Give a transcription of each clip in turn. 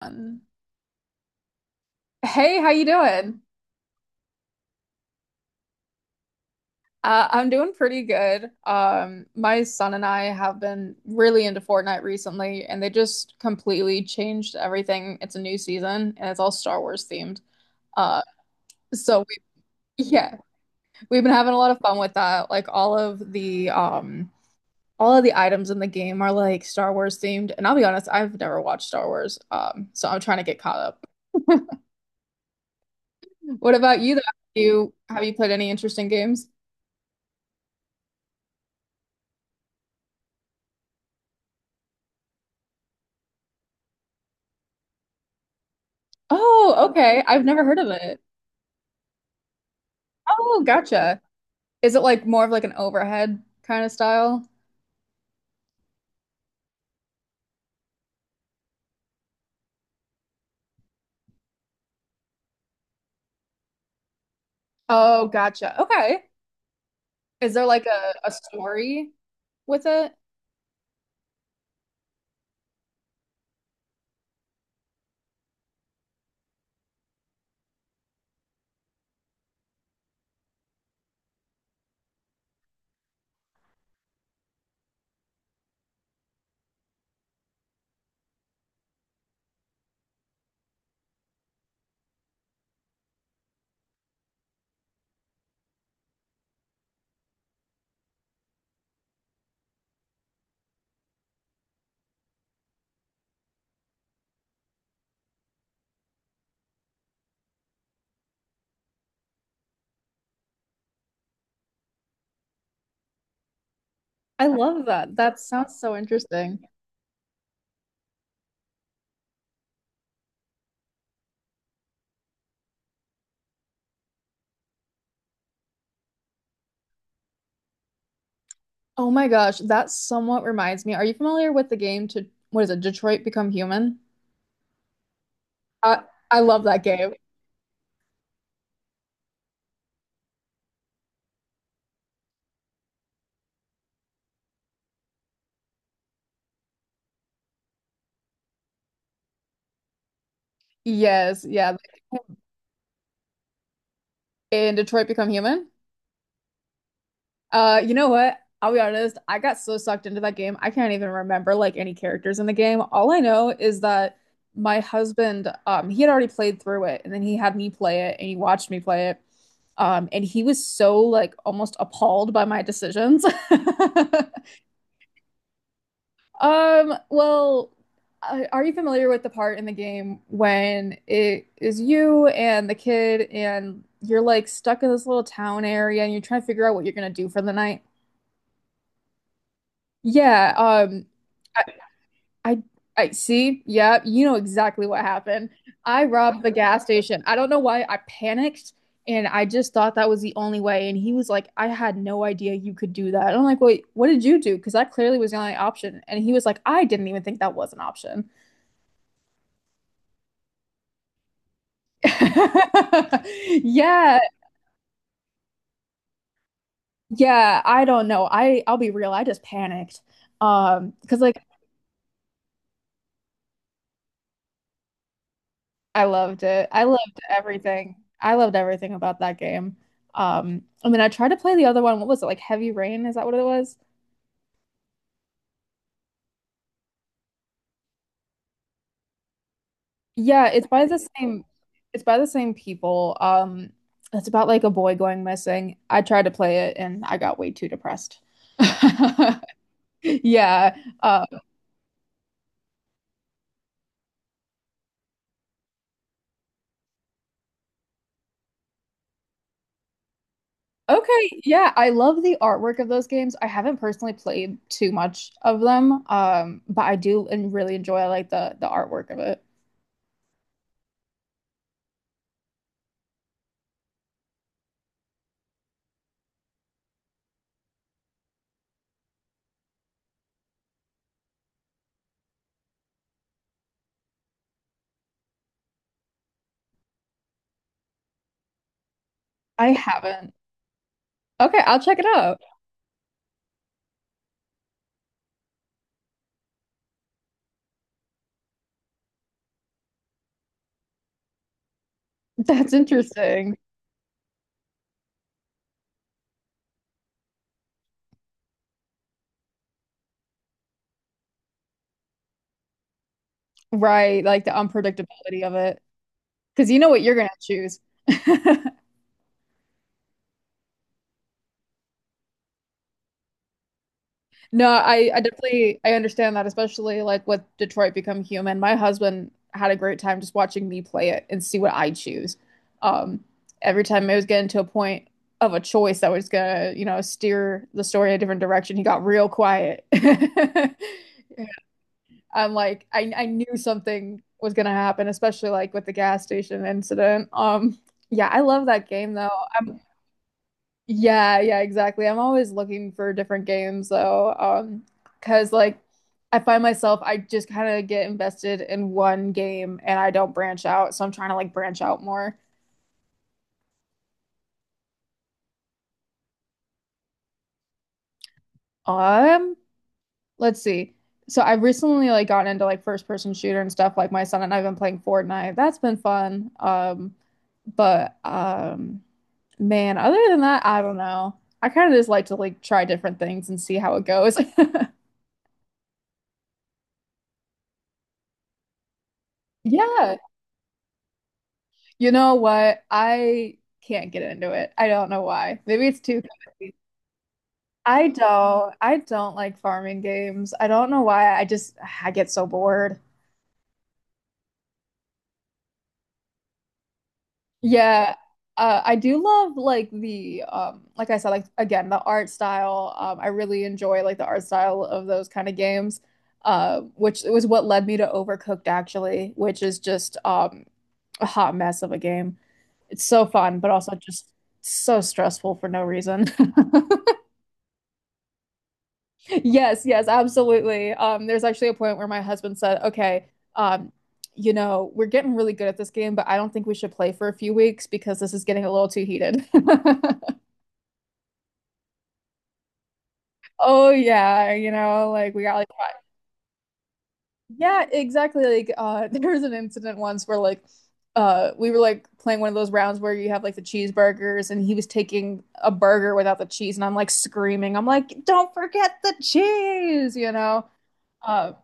Um, Hey, how you doing? I'm doing pretty good. My son and I have been really into Fortnite recently, and they just completely changed everything. It's a new season, and it's all Star Wars themed. Uh, so yeah, we've been having a lot of fun with that. Like all of the items in the game are like Star Wars themed, and I'll be honest, I've never watched Star Wars, so I'm trying to get caught up. What about you, though? Have you played any interesting games? Oh, okay. I've never heard of it. Oh, gotcha. Is it like more of like an overhead kind of style? Oh, gotcha. Okay. Is there like a story with it? I love that. That sounds so interesting. Oh my gosh, that somewhat reminds me. Are you familiar with the game to what is it, Detroit Become Human? I I love that game. Yes, yeah. In Detroit Become Human? You know what? I'll be honest, I got so sucked into that game. I can't even remember like any characters in the game. All I know is that my husband, he had already played through it and then he had me play it and he watched me play it. And he was so like almost appalled by my decisions. Um, well, are you familiar with the part in the game when it is you and the kid and you're like stuck in this little town area and you're trying to figure out what you're gonna do for the night? Yeah, I, I I see. Yeah, you know exactly what happened. I robbed the gas station. I don't know why I panicked and I just thought that was the only way and he was like, "I had no idea you could do that." And I'm like, "Wait, what did you do?" Because that clearly was the only option. And he was like, "I didn't even think that was an option." Yeah. Yeah, I don't know. I'll be real. I just panicked. Because like I loved it. I loved everything. I loved everything about that game. I mean, I tried to play the other one. What was it? Like Heavy Rain? Is that what it was? Yeah, it's by the same it's by the same people. It's about like a boy going missing. I tried to play it and I got way too depressed. Yeah. Um, okay. Yeah, I love the artwork of those games. I haven't personally played too much of them, but I do and really enjoy like the artwork of it. I haven't. Okay, I'll check it out. That's interesting. Right, like the unpredictability of it. Because you know what you're gonna choose. No, I definitely I understand that, especially like with Detroit Become Human. My husband had a great time just watching me play it and see what I choose. Um, every time it was getting to a point of a choice that was gonna, you know, steer the story a different direction, he got real quiet. I'm like I knew something was gonna happen, especially like with the gas station incident. Yeah, I love that game though. I'm Yeah, yeah, exactly. I'm always looking for different games though, because like I find myself I just kind of get invested in one game and I don't branch out, so I'm trying to like branch out more. Um, Let's see. So I've recently like gotten into like first person shooter and stuff like my son and I've been playing Fortnite. That's been fun. But Man, other than that, I don't know. I kind of just like to like try different things and see how it goes. Yeah. You know what? I can't get into it. I don't know why. Maybe it's too comfy. I don't like farming games. I don't know why. I just I get so bored. Yeah, I do love like the like I said like again the art style. I really enjoy like the art style of those kind of games. Which was what led me to Overcooked actually, which is just a hot mess of a game. It's so fun, but also just so stressful for no reason. Yes, yes, absolutely. There's actually a point where my husband said, "Okay, um, you know, we're getting really good at this game, but I don't think we should play for a few weeks because this is getting a little too heated." Oh yeah, you know, like we got like yeah, exactly. Like there was an incident once where like we were like playing one of those rounds where you have like the cheeseburgers, and he was taking a burger without the cheese, and I'm like screaming, I'm like, "Don't forget the cheese," you know. Um,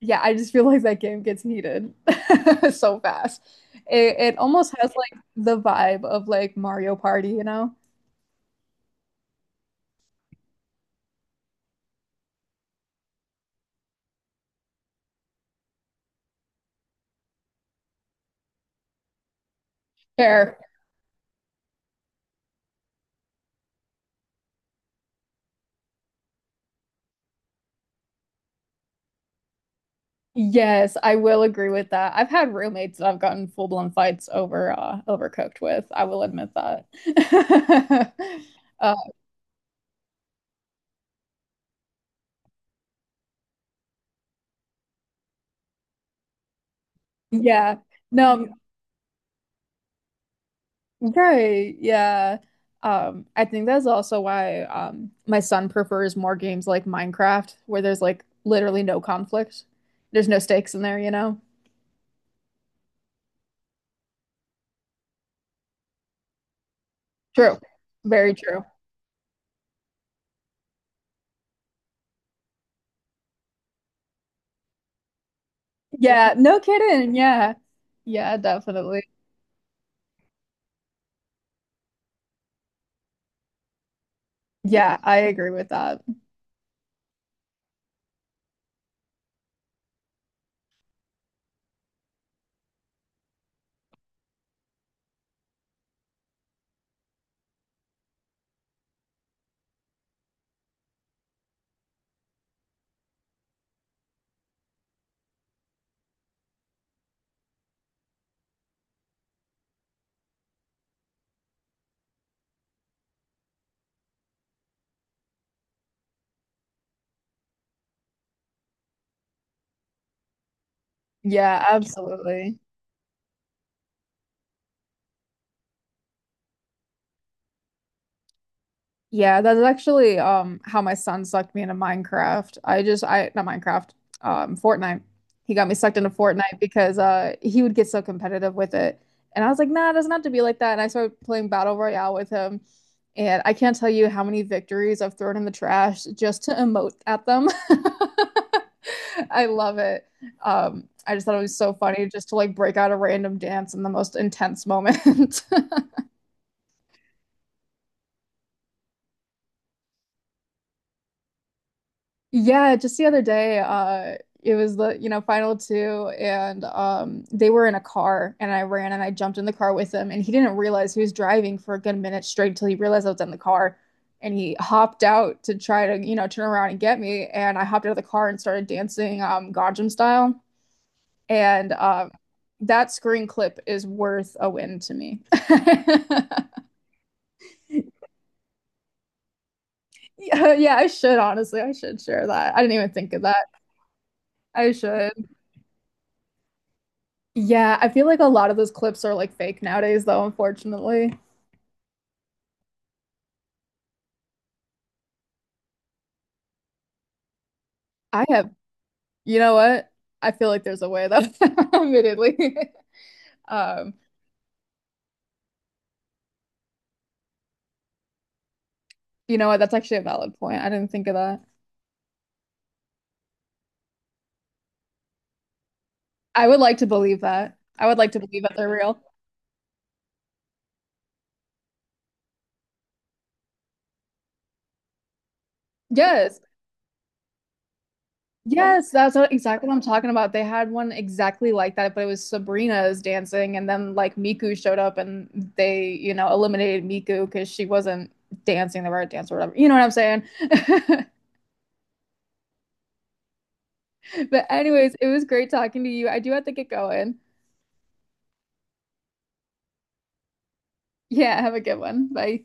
Yeah, I just feel like that game gets heated so fast. It almost has like the vibe of like Mario Party, you know? Fair. Yes, I will agree with that. I've had roommates that I've gotten full-blown fights over overcooked with. I will admit that. Uh, yeah. No, right. Yeah. I think that's also why my son prefers more games like Minecraft, where there's like literally no conflict. There's no stakes in there, you know? True. Very true. Yeah, no kidding. Yeah. Yeah, definitely. Yeah, I agree with that. Yeah, absolutely. Yeah, that's actually how my son sucked me into Minecraft. I just I Not Minecraft, Fortnite. He got me sucked into Fortnite because he would get so competitive with it. And I was like, nah, it doesn't have to be like that. And I started playing Battle Royale with him. And I can't tell you how many victories I've thrown in the trash just to emote at them. I love it. I just thought it was so funny just to like break out a random dance in the most intense moment. Yeah, just the other day, it was the, you know, final two and they were in a car and I ran and I jumped in the car with him and he didn't realize he was driving for a good minute straight until he realized I was in the car and he hopped out to try to, you know, turn around and get me and I hopped out of the car and started dancing Gangnam style and that screen clip is worth a win to me. Yeah, yeah, I should honestly. I should share that. I didn't even think of that. I should. Yeah, I feel like a lot of those clips are like fake nowadays, though, unfortunately. I have, you know what? I feel like there's a way, though, admittedly. Um, you know what? That's actually a valid point. I didn't think of that. I would like to believe that. I would like to believe that they're real. Yes. Yes, that's what, exactly what I'm talking about. They had one exactly like that, but it was Sabrina's dancing, and then like Miku showed up and they, you know, eliminated Miku because she wasn't dancing the right dance or whatever. You know what I'm saying? But anyways, it was great talking to you. I do have to get going. Yeah, have a good one. Bye.